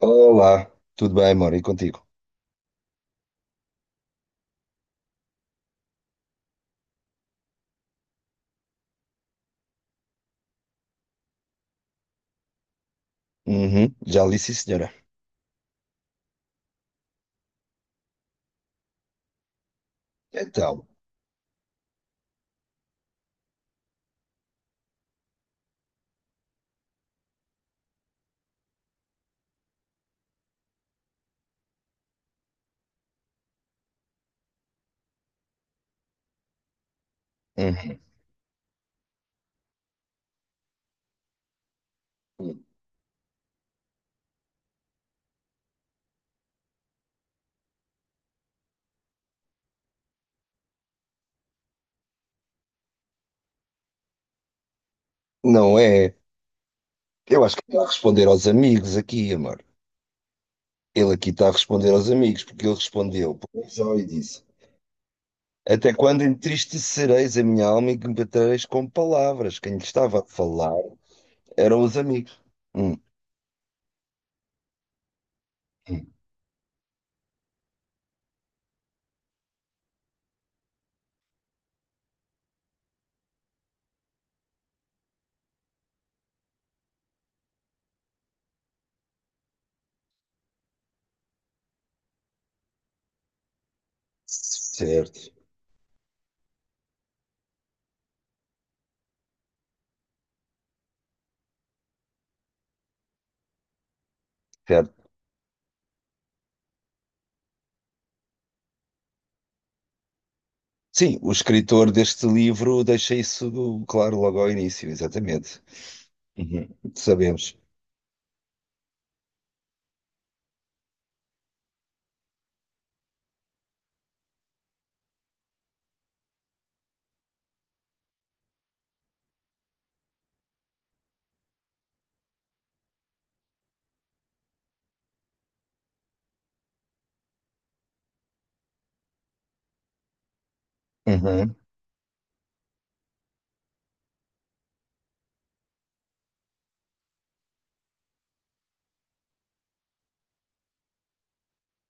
Olá, tudo bem, amor? E contigo? Uhum, já lhe disse, senhora. Então, uhum. Não é? Eu acho que está a responder aos amigos aqui, amor. Ele aqui está a responder aos amigos, porque ele respondeu, só e disse: Até quando entristecereis a minha alma e que me batereis com palavras? Quem lhe estava a falar eram os amigos. Hum, hum. Certo, certo. Sim, o escritor deste livro deixa isso claro logo ao início, exatamente. Uhum. Sabemos. Uhum.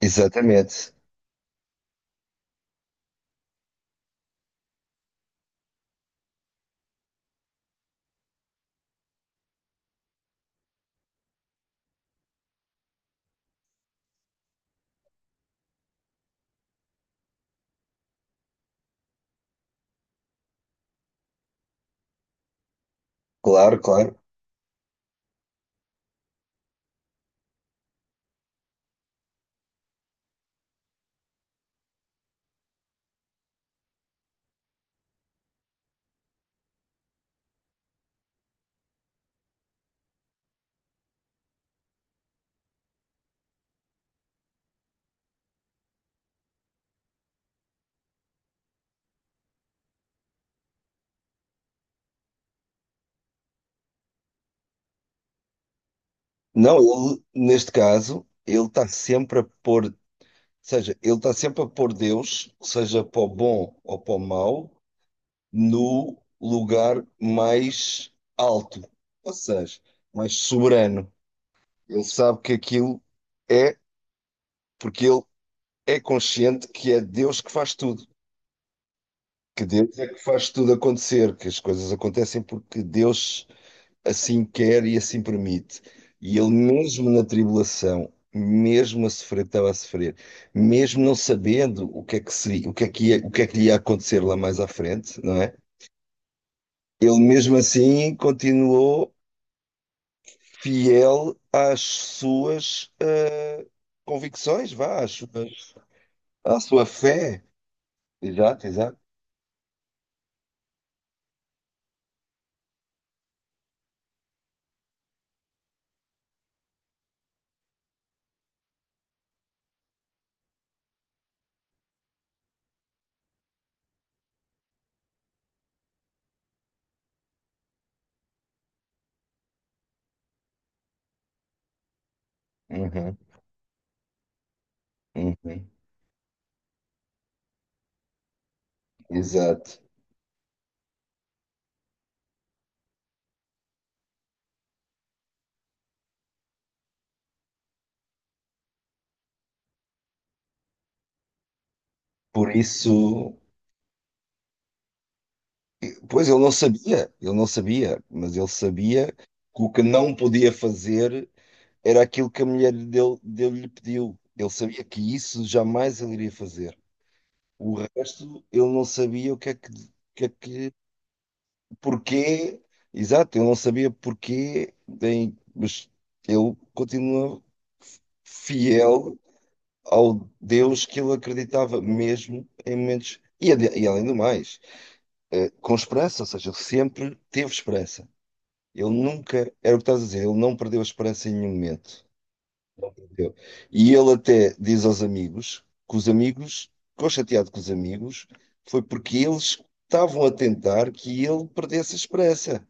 Exatamente, claro, claro. Não, ele, neste caso, ele está sempre a pôr, ou seja, ele está sempre a pôr Deus, seja para o bom ou para o mau, no lugar mais alto, ou seja, mais soberano. Ele sabe que aquilo é, porque ele é consciente que é Deus que faz tudo, que Deus é que faz tudo acontecer, que as coisas acontecem porque Deus assim quer e assim permite. E ele, mesmo na tribulação, mesmo a sofrer, estava a sofrer, mesmo não sabendo o que é que seria, o que é que ia, o que é que lhe ia acontecer lá mais à frente, não é? Ele, mesmo assim, continuou fiel às suas convicções, vá, à sua fé. Exato, exato. Uhum, uhum, exato. Por isso. Pois ele não sabia, mas ele sabia que o que não podia fazer era aquilo que a mulher dele, dele lhe pediu. Ele sabia que isso jamais ele iria fazer. O resto, ele não sabia o que é que, porquê, exato, ele não sabia porquê, bem mas ele continua fiel ao Deus que ele acreditava, mesmo em momentos. E além do mais, com esperança, ou seja, ele sempre teve esperança. Ele nunca, era o que estás a dizer, ele não perdeu a esperança em nenhum momento. Entendeu? E ele até diz aos amigos que os amigos, ficou chateado com os amigos, foi porque eles estavam a tentar que ele perdesse a esperança.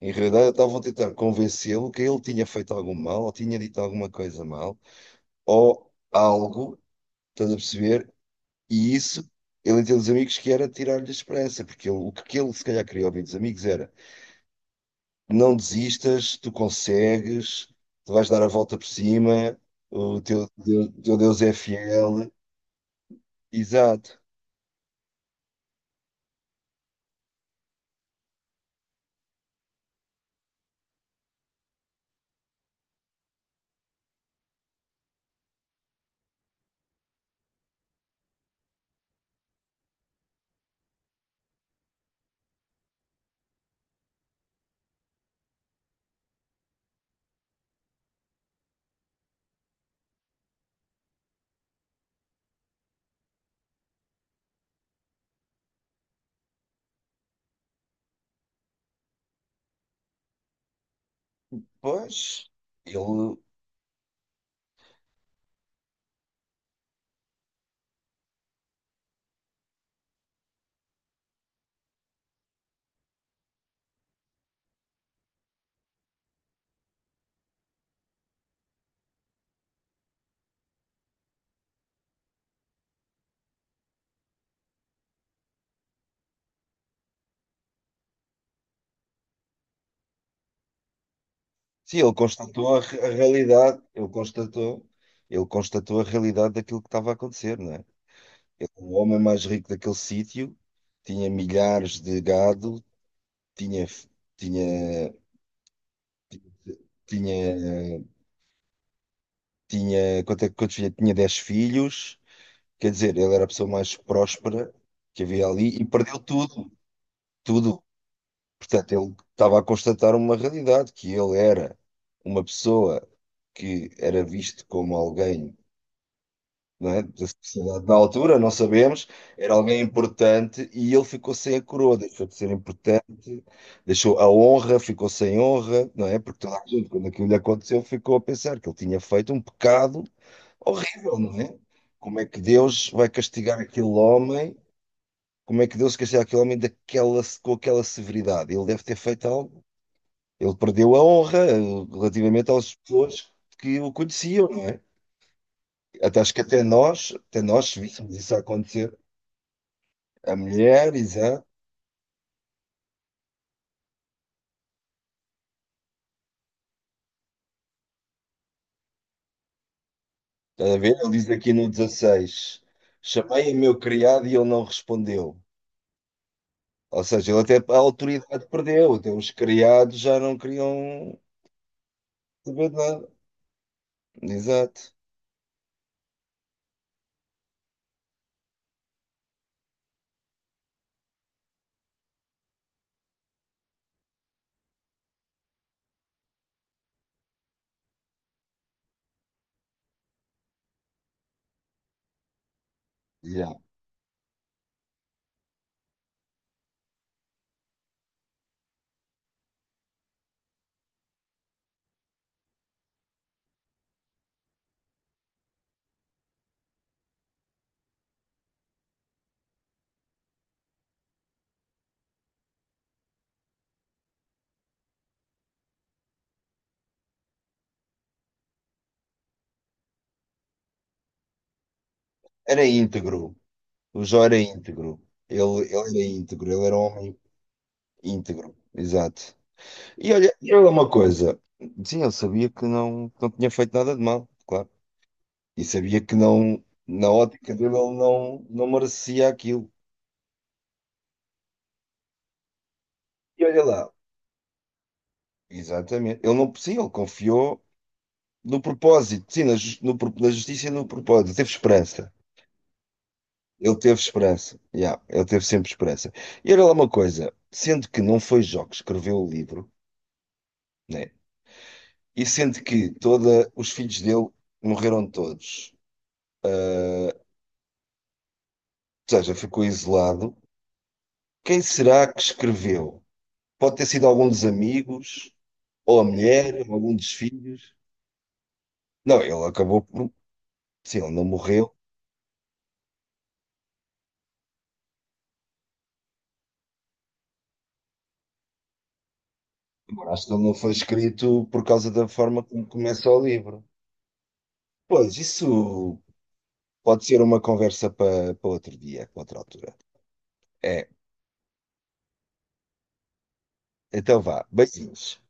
Em realidade, estavam a tentar convencê-lo que ele tinha feito algum mal, ou tinha dito alguma coisa mal, ou algo, estás a perceber? E isso, ele entende os amigos que era tirar-lhe a esperança, porque o que ele se calhar queria ouvir dos amigos era. Não desistas, tu consegues, tu vais dar a volta por cima, o teu Deus é fiel. Exato. Pois, ele, sim, ele constatou a realidade, ele constatou a realidade daquilo que estava a acontecer, não é? Ele, é o homem mais rico daquele sítio, tinha milhares de gado, tinha, f- tinha, tinha, tinha, quanto é, quantos filhos? Tinha 10 filhos. Quer dizer, ele era a pessoa mais próspera que havia ali e perdeu tudo, tudo. Portanto, ele estava a constatar uma realidade, que ele era uma pessoa que era visto como alguém, não é, da sociedade na altura, não sabemos, era alguém importante e ele ficou sem a coroa, deixou de ser importante, deixou a honra, ficou sem honra, não é? Porque toda a gente, quando aquilo lhe aconteceu, ficou a pensar que ele tinha feito um pecado horrível, não é? Como é que Deus vai castigar aquele homem? Como é que deu-se castigar aquele homem daquela, com aquela severidade? Ele deve ter feito algo. Ele perdeu a honra relativamente às pessoas que o conheciam, não é? Até acho que até nós se víssemos isso a acontecer. A mulher, exato. Está a ver? Ele diz aqui no 16, chamei o meu criado e ele não respondeu. Ou seja, ele até a autoridade perdeu. Até os criados já não queriam saber de nada. Exato. Já. Era íntegro. O Jó era íntegro. Ele era íntegro. Ele era um homem íntegro, exato. E olha uma coisa. Sim, ele sabia que não tinha feito nada de mal, claro. E sabia que não, na ótica dele, ele não, não merecia aquilo. E olha lá, exatamente. Ele não, sim, ele confiou no propósito, sim, na, jus- no, pro- na justiça e no propósito. Ele teve esperança. Ele teve esperança. Yeah, ele teve sempre esperança. E olha lá uma coisa. Sendo que não foi Jó que escreveu o livro, né? E sendo que toda, os filhos dele morreram todos. Ou seja, ficou isolado. Quem será que escreveu? Pode ter sido algum dos amigos, ou a mulher, ou algum dos filhos. Não, ele acabou por. Sim, ele não morreu. Agora, acho que ele não foi escrito por causa da forma como começa o livro. Pois, isso pode ser uma conversa para outro dia, para outra altura. É, então vá, beijinhos.